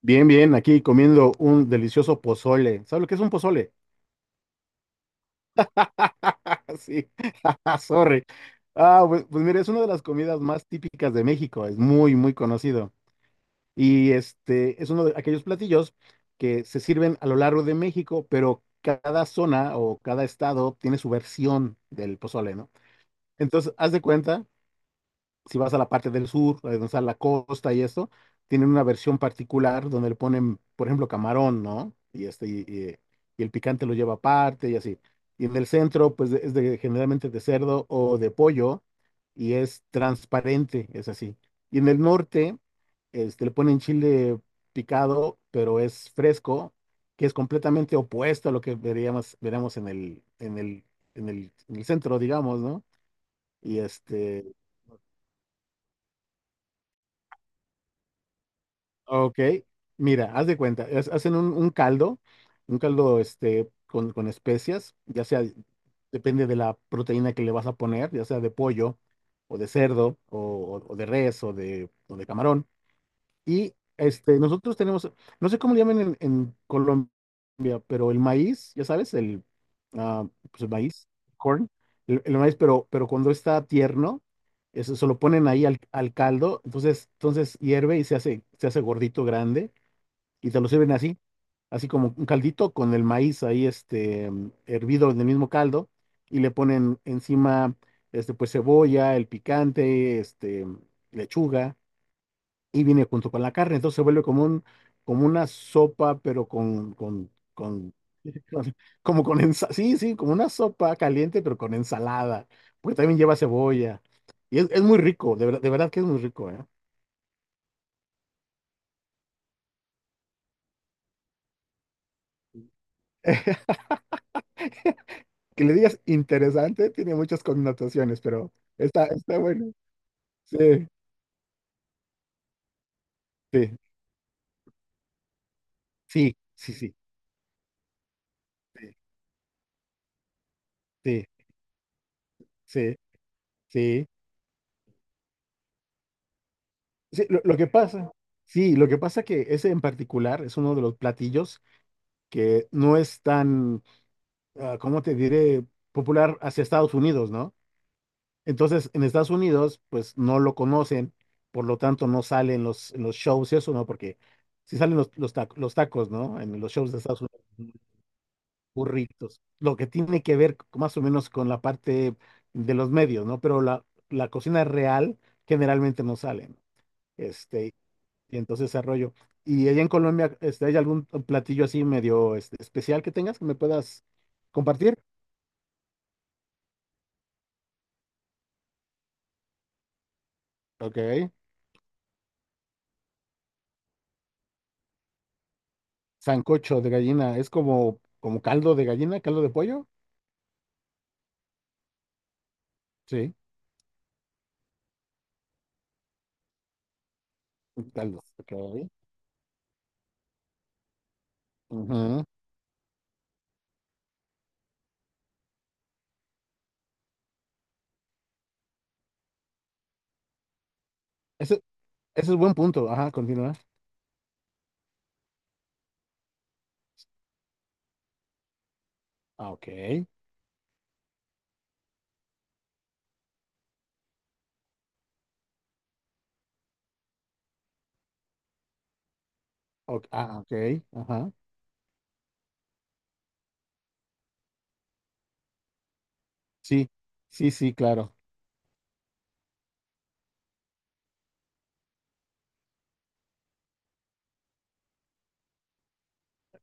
Bien, bien, aquí comiendo un delicioso pozole. ¿Sabes lo que es un pozole? Sí, ah, sorry. Ah, pues mira, es una de las comidas más típicas de México, es muy, muy conocido. Y este es uno de aquellos platillos que se sirven a lo largo de México, pero cada zona o cada estado tiene su versión del pozole, ¿no? Entonces, haz de cuenta si vas a la parte del sur, donde está la costa y esto, tienen una versión particular donde le ponen, por ejemplo, camarón, ¿no? Y el picante lo lleva aparte y así. Y en el centro, pues generalmente de cerdo o de pollo y es transparente, es así. Y en el norte, le ponen chile picado, pero es fresco, que es completamente opuesto a lo que veríamos en el centro, digamos, ¿no? Y este, Ok, mira, haz de cuenta, hacen un caldo, un caldo con especias, ya sea, depende de la proteína que le vas a poner, ya sea de pollo o de cerdo o de res o de camarón. Nosotros tenemos, no sé cómo le llaman en, Colombia, pero el maíz, ya sabes, pues el maíz, corn, el maíz, pero cuando está tierno, eso se lo ponen ahí al, caldo, entonces hierve y se hace gordito, grande, y te lo sirven así, así como un caldito con el maíz ahí, hervido en el mismo caldo, y le ponen encima, pues cebolla, el picante, lechuga y viene junto con la carne, entonces se vuelve como un, como una sopa, pero con- como con ensalada, sí, sí, como una sopa caliente, pero con ensalada, porque también lleva cebolla, y es muy rico, de verdad que es muy rico, ¿eh? Que le digas interesante, tiene muchas connotaciones, pero está bueno, sí, sí, sí, sí, sí, sí, sí, sí, sí, Sí, lo que pasa, sí, lo que pasa que ese en particular es uno de los platillos que no es tan, ¿cómo te diré? Popular hacia Estados Unidos, ¿no? Entonces, en Estados Unidos, pues no lo conocen, por lo tanto no salen en los shows y eso, ¿no? Porque sí salen los tacos, ¿no? En los shows de Estados Unidos, burritos, lo que tiene que ver más o menos con la parte de los medios, ¿no? Pero la cocina real generalmente no salen, este, y entonces ese rollo. Y allá en Colombia, ¿hay algún platillo así medio especial que tengas que me puedas compartir? Ok. Sancocho de gallina, es como caldo de gallina, caldo de pollo. Sí, un caldo. Ok. Ujú. Ese, ese es buen punto. Ajá, continúa. Ah, ok. Ok, ah, ok. Ajá. Sí, sí, sí, claro.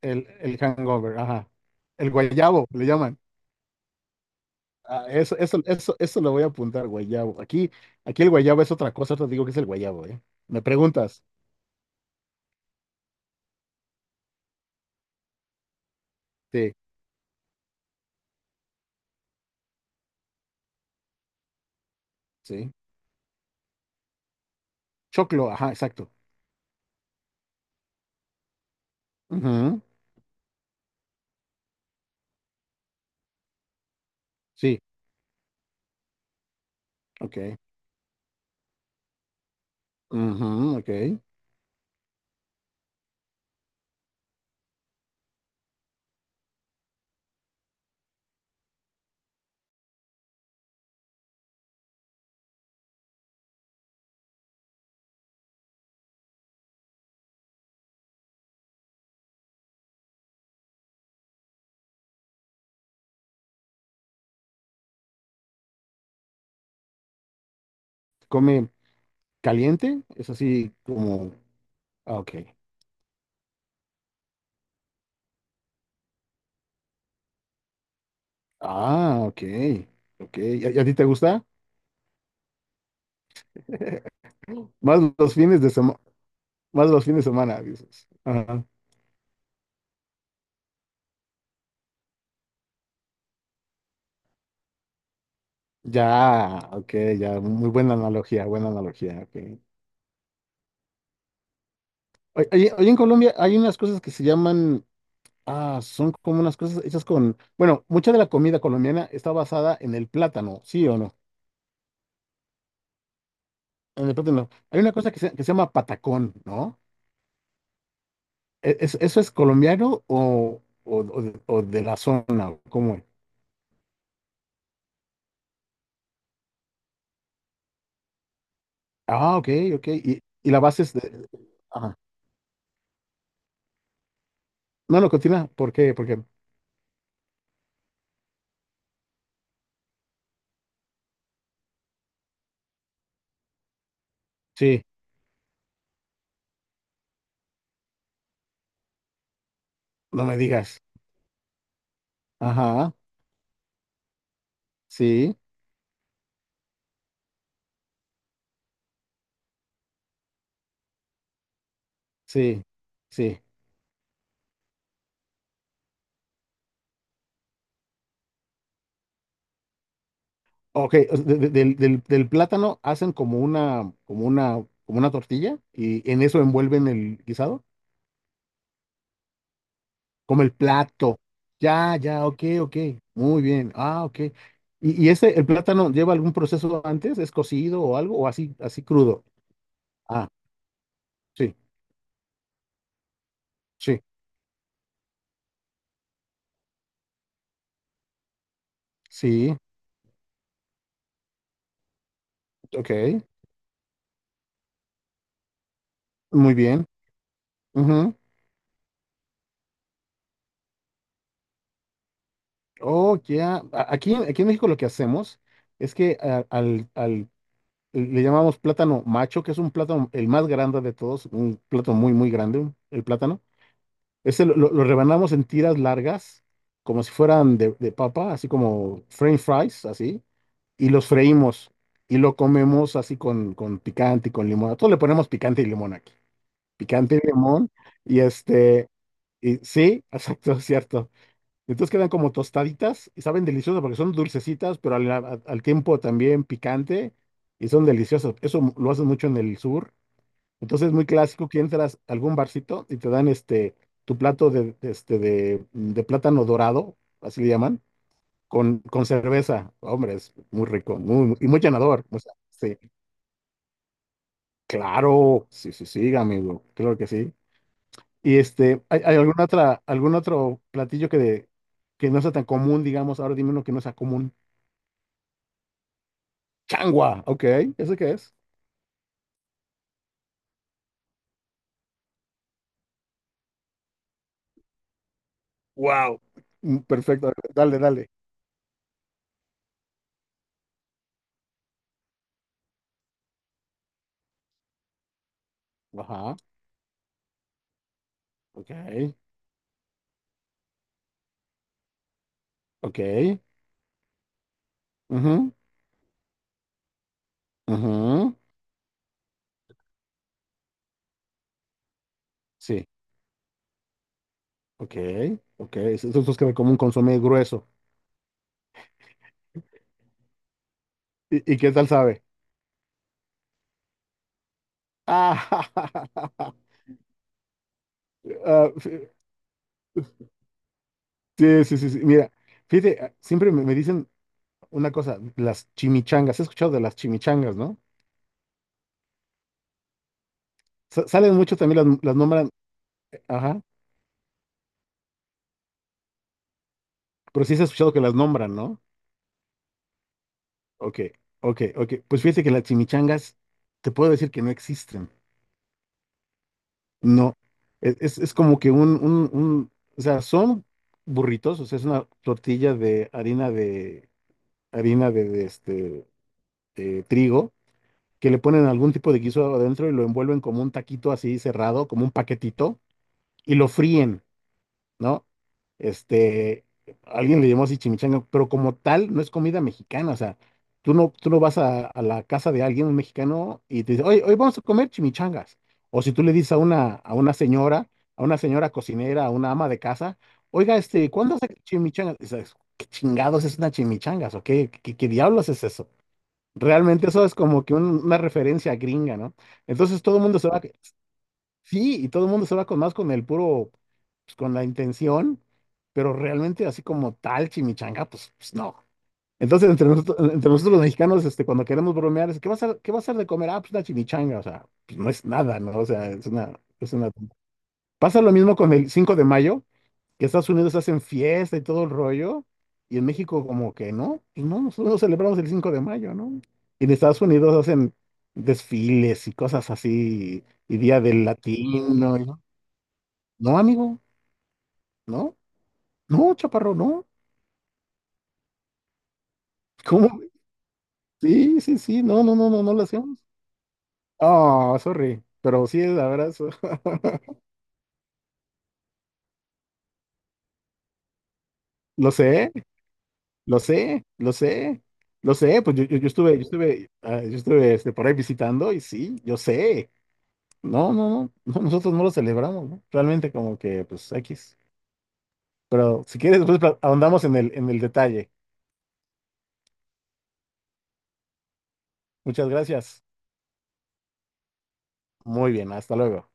El hangover, ajá. El guayabo, le llaman. Ah, eso lo voy a apuntar, guayabo. Aquí el guayabo es otra cosa, te digo que es el guayabo, ¿eh? ¿Me preguntas? Sí, sí. Choclo, ajá, exacto. Ujú, sí, ok. Ujú, ok. Come. ¿Caliente? Es así como... Ah, ok. Ah, ok. Ok. ¿Y a ti te gusta? Más los fines de semana. Más los fines de semana, dices. Ajá. Ya, ok, ya. Muy buena analogía, buena analogía. Ok. Oye, oye, oye, en Colombia hay unas cosas que se llaman... Ah, son como unas cosas hechas con... Bueno, mucha de la comida colombiana está basada en el plátano, ¿sí o no? En el plátano. Hay una cosa que se llama patacón, ¿no? ¿Eso es colombiano o de la zona? ¿Cómo es? Ah, ok, ok. Y la base es de... Ajá. No, no, continúa. ¿Por qué? Porque sí, no me digas. Ajá, sí, sí, sí. Ok, o sea, del plátano hacen como una tortilla y en eso envuelven el guisado. Como el plato. Ya, ya, ok, ok. Muy bien. Ah, ok. ¿Y ese el plátano lleva algún proceso antes? ¿Es cocido o algo? ¿O así crudo? Ah, sí, sí, sí. Ok. Muy bien. Ujú. Oh, ya. Aquí en México lo que hacemos es que le llamamos plátano macho, que es un plátano el más grande de todos, un plátano muy, muy grande, el plátano. Ese lo rebanamos en tiras largas, como si fueran de papa, así como french fries, así, y los freímos y lo comemos así con picante y con limón. A todos le ponemos picante y limón aquí. Picante y limón, y este, y sí, exacto, es cierto. Entonces quedan como tostaditas y saben deliciosas porque son dulcecitas, pero al tiempo también picante y son deliciosas. Eso lo hacen mucho en el sur entonces, muy clásico que entras a algún barcito y te dan tu plato de plátano dorado, así le llaman, con cerveza. Hombre, es muy rico, muy llenador. O sea, sí, claro, sí, sí, sí, amigo, claro que sí. ¿Hay alguna otra, algún otro platillo que no sea tan común, digamos? Ahora dime uno que no sea común. Changua, ok, ¿eso qué es? Wow, perfecto, dale, dale. Ajá, ok, ok, mhm, mhm. Sí, ok, ok. Esos dos que como un consomé grueso. ¿Y qué tal sabe? Ah, ah, f- sí, sí, sí, sí. Mira, fíjate, siempre me dicen una cosa, las chimichangas. He escuchado de las chimichangas, ¿no? Salen mucho también las nombran, ajá, pero sí has escuchado que las nombran, ¿no? Ok, ok, ok. Pues fíjate que las chimichangas, te puedo decir que no existen. No, es como que o sea, son burritos, o sea, es una tortilla de harina de trigo, que le ponen algún tipo de guiso adentro y lo envuelven como un taquito así cerrado, como un paquetito, y lo fríen, ¿no? Este, alguien le llamó así chimichanga, pero como tal no es comida mexicana, o sea, tú no vas a la casa de alguien, un mexicano, y te dice, oye, hoy vamos a comer chimichangas. O si tú le dices a una señora, a una señora cocinera, a una ama de casa, oiga, ¿cuándo hace chimichangas? Y dices, ¿Qué chingados es una chimichangas? ¿O qué diablos es eso? Realmente eso es como que una referencia gringa, ¿no? Entonces todo el mundo se va, sí, y todo el mundo se va con más con el puro, pues, con la intención, pero realmente así como tal chimichanga, pues no. Entonces entre nosotros los mexicanos, cuando queremos bromear, ¿qué va a ser de comer? Ah, pues una chimichanga, o sea, pues no es nada, ¿no? O sea, es una... Pasa lo mismo con el Cinco de Mayo que Estados Unidos hacen fiesta y todo el rollo, y en México como que no, pues no, nosotros no celebramos el Cinco de Mayo, ¿no? Y en Estados Unidos hacen desfiles y cosas así, y Día del Latino, y ¿no? No, amigo, no, no, chaparro, no. ¿Cómo? Sí, sí, sí, no, no, no, no, no lo hacemos. Ah, sorry, pero sí, la verdad, lo sé, lo sé, lo sé. Lo sé, pues yo estuve, por ahí visitando y sí, yo sé. No, no, no, no, nosotros no lo celebramos, ¿no? Realmente como que, pues, X. Pero si quieres, pues, ahondamos en el detalle. Muchas gracias. Muy bien, hasta luego.